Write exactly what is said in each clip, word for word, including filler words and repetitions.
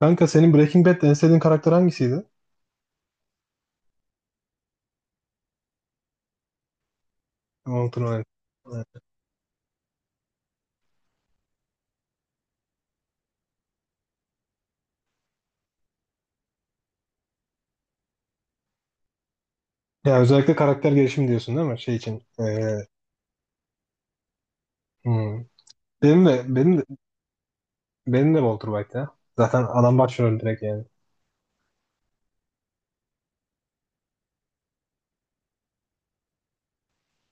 Kanka senin Breaking Bad'de en sevdiğin karakter hangisiydi? Walter White. Ben. Ya özellikle karakter gelişimi diyorsun değil mi? Şey için. Ee, hmm. Benim de benim de, benim de Walter White ya. Zaten adam başrol direkt yani.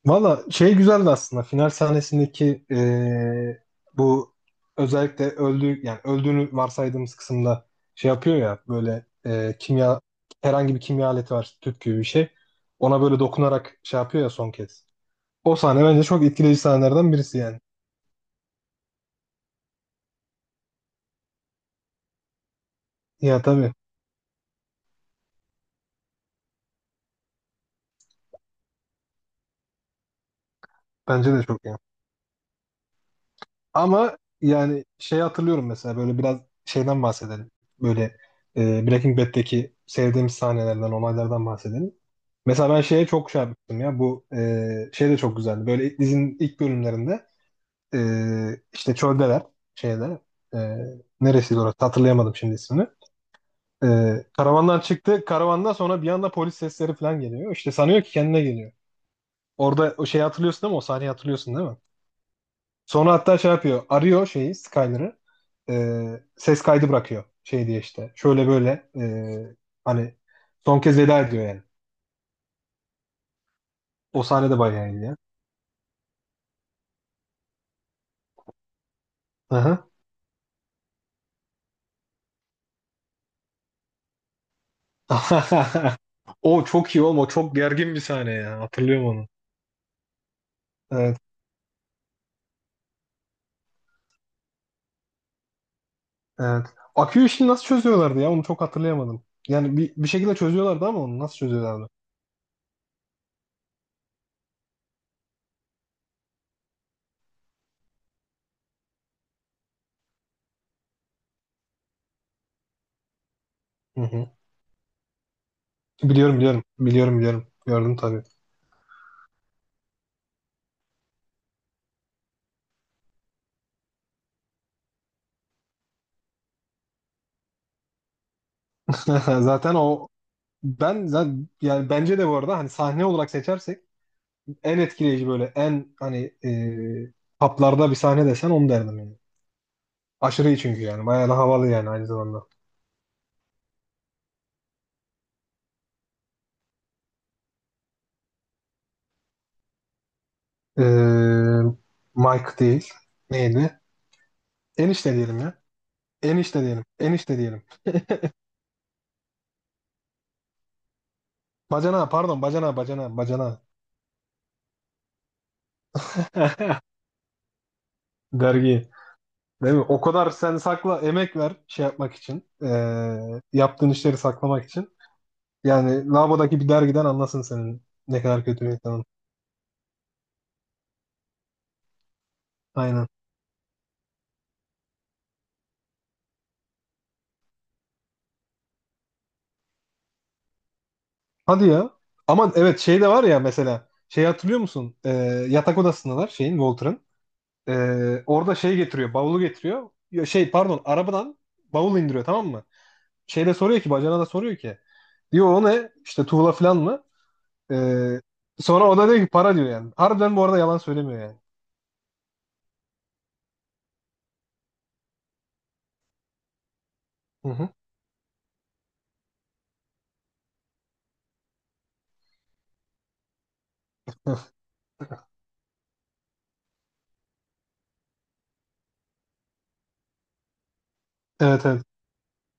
Valla şey güzeldi aslında. Final sahnesindeki ee, bu özellikle öldüğü yani öldüğünü varsaydığımız kısımda şey yapıyor ya böyle ee, kimya herhangi bir kimya aleti var tüp gibi bir şey. Ona böyle dokunarak şey yapıyor ya son kez. O sahne bence çok etkileyici sahnelerden birisi yani. Ya tabii. Bence de çok iyi. Ama yani şey hatırlıyorum mesela böyle biraz şeyden bahsedelim. Böyle e, Breaking Bad'deki sevdiğimiz sahnelerden, olaylardan bahsedelim. Mesela ben şeye çok şey yapmıştım ya. Bu e, şey de çok güzeldi. Böyle dizinin ilk bölümlerinde e, işte çöldeler şeyde e, neresiydi orası hatırlayamadım şimdi ismini. E, karavandan çıktı. Karavandan sonra bir anda polis sesleri falan geliyor. İşte sanıyor ki kendine geliyor. Orada o şeyi hatırlıyorsun değil mi? O sahneyi hatırlıyorsun değil mi? Sonra hatta şey yapıyor. Arıyor şeyi Skyler'ı. Ee, ses kaydı bırakıyor. Şey diye işte. Şöyle böyle ee, hani son kez veda ediyor yani. O sahne de bayağı iyi ya. Aha. O çok iyi oğlum. O çok gergin bir sahne ya. Hatırlıyorum onu. Evet. Evet. Akü işini nasıl çözüyorlardı ya? Onu çok hatırlayamadım. Yani bir, bir şekilde çözüyorlardı ama onu nasıl çözüyorlardı? Hı hı. Biliyorum biliyorum. Biliyorum biliyorum. Gördüm tabii. Zaten o ben zaten yani bence de bu arada hani sahne olarak seçersek en etkileyici böyle en hani e, haplarda bir sahne desen onu derdim yani. Aşırı iyi çünkü yani. Bayağı da havalı yani aynı zamanda. E, Mike değil. Neydi? Enişte diyelim ya. Enişte diyelim. Enişte diyelim. Bacana pardon bacana bacana bacana. Dergi. Değil mi? O kadar sen sakla emek ver şey yapmak için. E, yaptığın işleri saklamak için. Yani lavabodaki bir dergiden anlasın senin ne kadar kötü bir insanın. Aynen. Hadi ya. Aman evet şey de var ya mesela. Şey hatırlıyor musun? Ee, yatak odasındalar şeyin Walter'ın. Ee, orada şey getiriyor. Bavulu getiriyor. Ya Şey pardon arabadan bavul indiriyor tamam mı? Şeyde soruyor ki bacana da soruyor ki. Diyor o ne? İşte tuğla falan mı? Ee, sonra o da diyor ki para diyor yani. Harbiden bu arada yalan söylemiyor yani. Hı hı. Evet evet.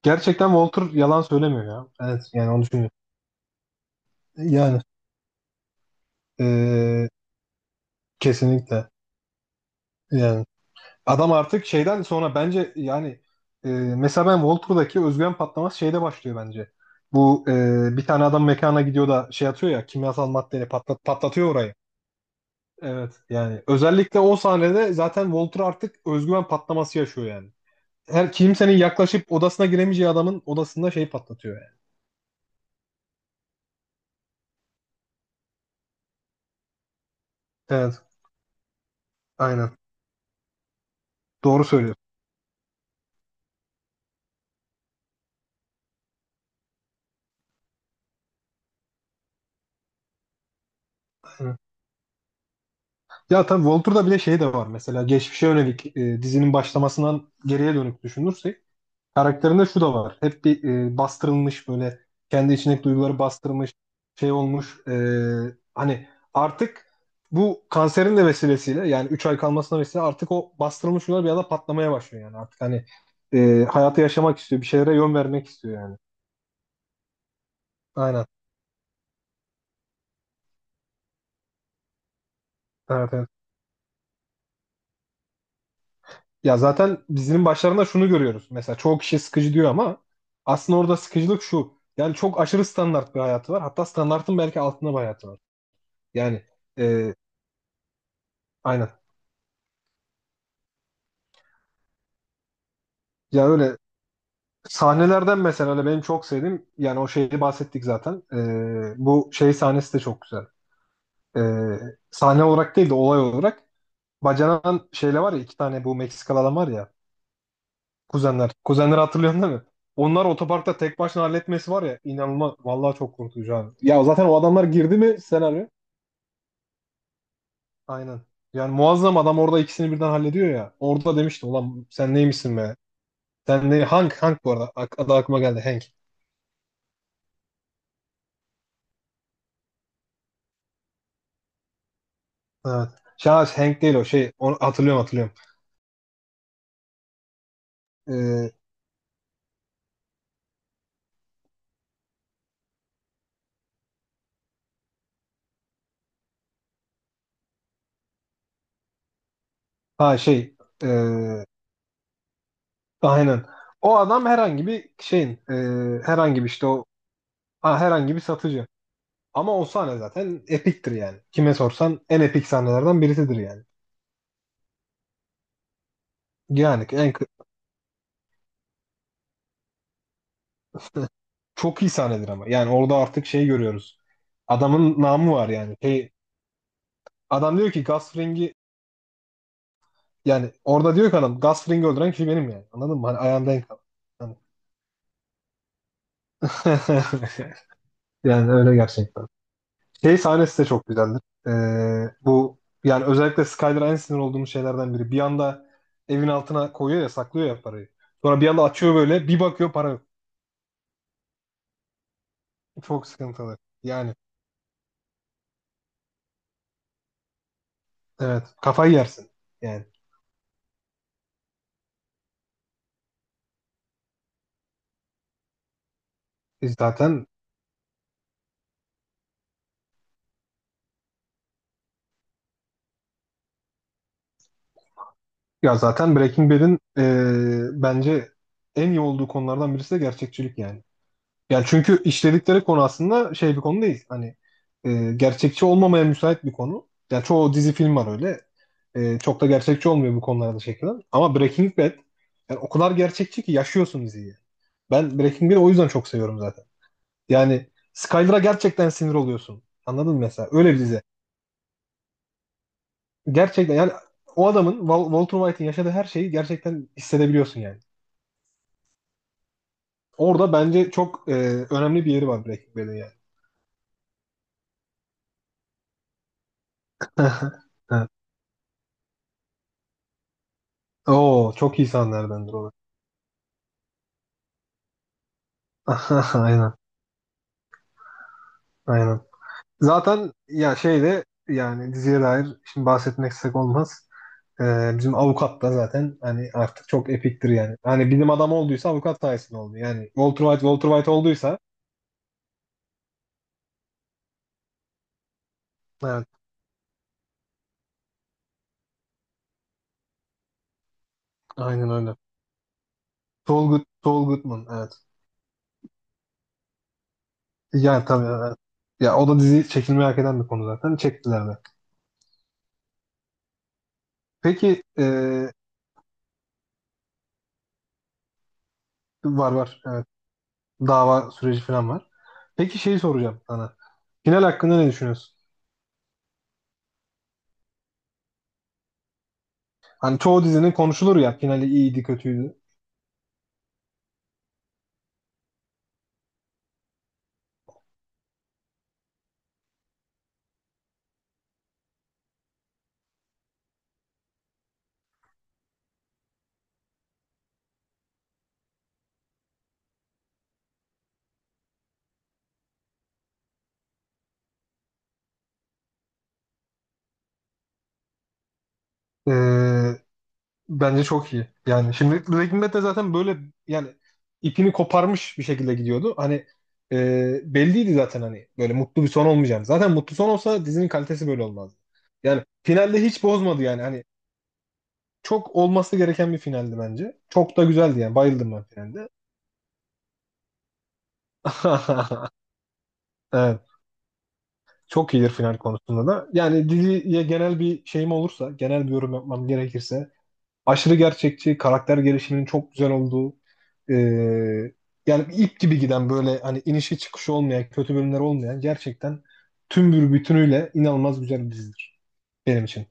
Gerçekten Walter yalan söylemiyor ya. Evet yani onu düşünüyorum. Yani ee, kesinlikle. Yani. Adam artık şeyden sonra bence yani e, mesela ben Walter'daki özgüven patlaması şeyde başlıyor bence. Bu e, bir tane adam mekana gidiyor da şey atıyor ya kimyasal maddeyle patlat patlatıyor orayı. Evet yani özellikle o sahnede zaten Walter artık özgüven patlaması yaşıyor yani. Her kimsenin yaklaşıp odasına giremeyeceği adamın odasında şey patlatıyor yani. Evet aynen doğru söylüyorsun. Aynen. Ya tabii Walter'da bir de şey de var mesela geçmişe yönelik e, dizinin başlamasından geriye dönük düşünürsek karakterinde şu da var. Hep bir e, bastırılmış böyle kendi içindeki duyguları bastırmış şey olmuş. E, hani artık bu kanserin de vesilesiyle yani üç ay kalmasına vesile artık o bastırılmış duygular bir anda patlamaya başlıyor yani. Artık hani e, hayatı yaşamak istiyor. Bir şeylere yön vermek istiyor yani. Aynen. Evet, evet. Ya zaten dizinin başlarında şunu görüyoruz. Mesela çoğu kişi sıkıcı diyor ama aslında orada sıkıcılık şu. Yani çok aşırı standart bir hayatı var. Hatta standartın belki altında bir hayatı var. Yani e, aynen. Ya öyle sahnelerden mesela hani benim çok sevdiğim yani o şeyi bahsettik zaten. Ee, bu şey sahnesi de çok güzel. Ee, sahne olarak değil de olay olarak. Bacanan şeyle var ya iki tane bu Meksikalı adam var ya. Kuzenler. Kuzenleri hatırlıyorsun değil mi? Onlar otoparkta tek başına halletmesi var ya inanılmaz. Vallahi çok korkutucu abi. Ya zaten o adamlar girdi mi senaryo? Aynen. Yani muazzam adam orada ikisini birden hallediyor ya. Orada demiştim ulan sen neymişsin be? Sen ne? Hank, Hank bu arada. Ak- adı aklıma geldi Hank. Evet. Şahs Hank değil o şey. Onu hatırlıyorum hatırlıyorum. Ee, ha şey. ee, aynen. O adam herhangi bir şeyin ee, herhangi bir işte o ha, herhangi bir satıcı. Ama o sahne zaten epiktir yani. Kime sorsan en epik sahnelerden birisidir yani. Yani en kı- çok iyi sahnedir ama. Yani orada artık şey görüyoruz. Adamın namı var yani. Şey, adam diyor ki Gus Fring'i yani orada diyor ki adam Gus Fring'i öldüren kişi benim yani. Anladın mı? Hani ayağımda en kal. Yani. Yani öyle gerçekten. Şey sahnesi de çok güzeldir. Ee, bu yani özellikle Skyler'a en sinir olduğum şeylerden biri. Bir anda evin altına koyuyor ya saklıyor ya parayı. Sonra bir anda açıyor böyle bir bakıyor para yok. Çok sıkıntılı. Yani evet kafayı yersin. Yani biz zaten ya zaten Breaking Bad'in ee, bence en iyi olduğu konulardan birisi de gerçekçilik yani. Yani çünkü işledikleri konu aslında şey bir konu değil. Hani e, gerçekçi olmamaya müsait bir konu. Yani çoğu dizi film var öyle. E, çok da gerçekçi olmuyor bu konularda çekilen. Ama Breaking Bad yani o kadar gerçekçi ki yaşıyorsun diziyi. Ben Breaking Bad'i o yüzden çok seviyorum zaten. Yani Skyler'a gerçekten sinir oluyorsun. Anladın mı mesela? Öyle bir dizi. Gerçekten yani o adamın Wal- Walter White'in yaşadığı her şeyi gerçekten hissedebiliyorsun yani. Orada bence çok e, önemli bir yeri var Breaking Bad'in yani. Evet. Oo çok iyi sahnelerdendir o. Aynen, aynen. Zaten ya şeyde yani diziye dair şimdi bahsetmeksek olmaz. Ee, bizim avukat da zaten hani artık çok epiktir yani. Hani bilim adamı olduysa avukat sayesinde oldu. Yani Walter White Walter White olduysa evet aynen öyle. Saul, Good, Saul Goodman evet. Yani tabii evet. Ya o da dizi çekilmeyi hak eden bir konu zaten. Çektiler de. Peki ee, var var evet. Dava süreci falan var. Peki şeyi soracağım sana. Final hakkında ne düşünüyorsun? Hani çoğu dizinin konuşulur ya finali iyiydi kötüydü. Ee, bence çok iyi. Yani şimdi Breaking Bad de zaten böyle yani ipini koparmış bir şekilde gidiyordu. Hani e, belliydi zaten hani böyle mutlu bir son olmayacağını. Zaten mutlu son olsa dizinin kalitesi böyle olmazdı. Yani finalde hiç bozmadı yani. Hani çok olması gereken bir finaldi bence. Çok da güzeldi yani. Bayıldım ben finalde. Evet. Çok iyidir final konusunda da. Yani diziye genel bir şeyim olursa, genel bir yorum yapmam gerekirse aşırı gerçekçi, karakter gelişiminin çok güzel olduğu, e, yani bir ip gibi giden böyle hani inişi çıkışı olmayan, kötü bölümler olmayan gerçekten tüm bir bütünüyle inanılmaz güzel bir dizidir benim için.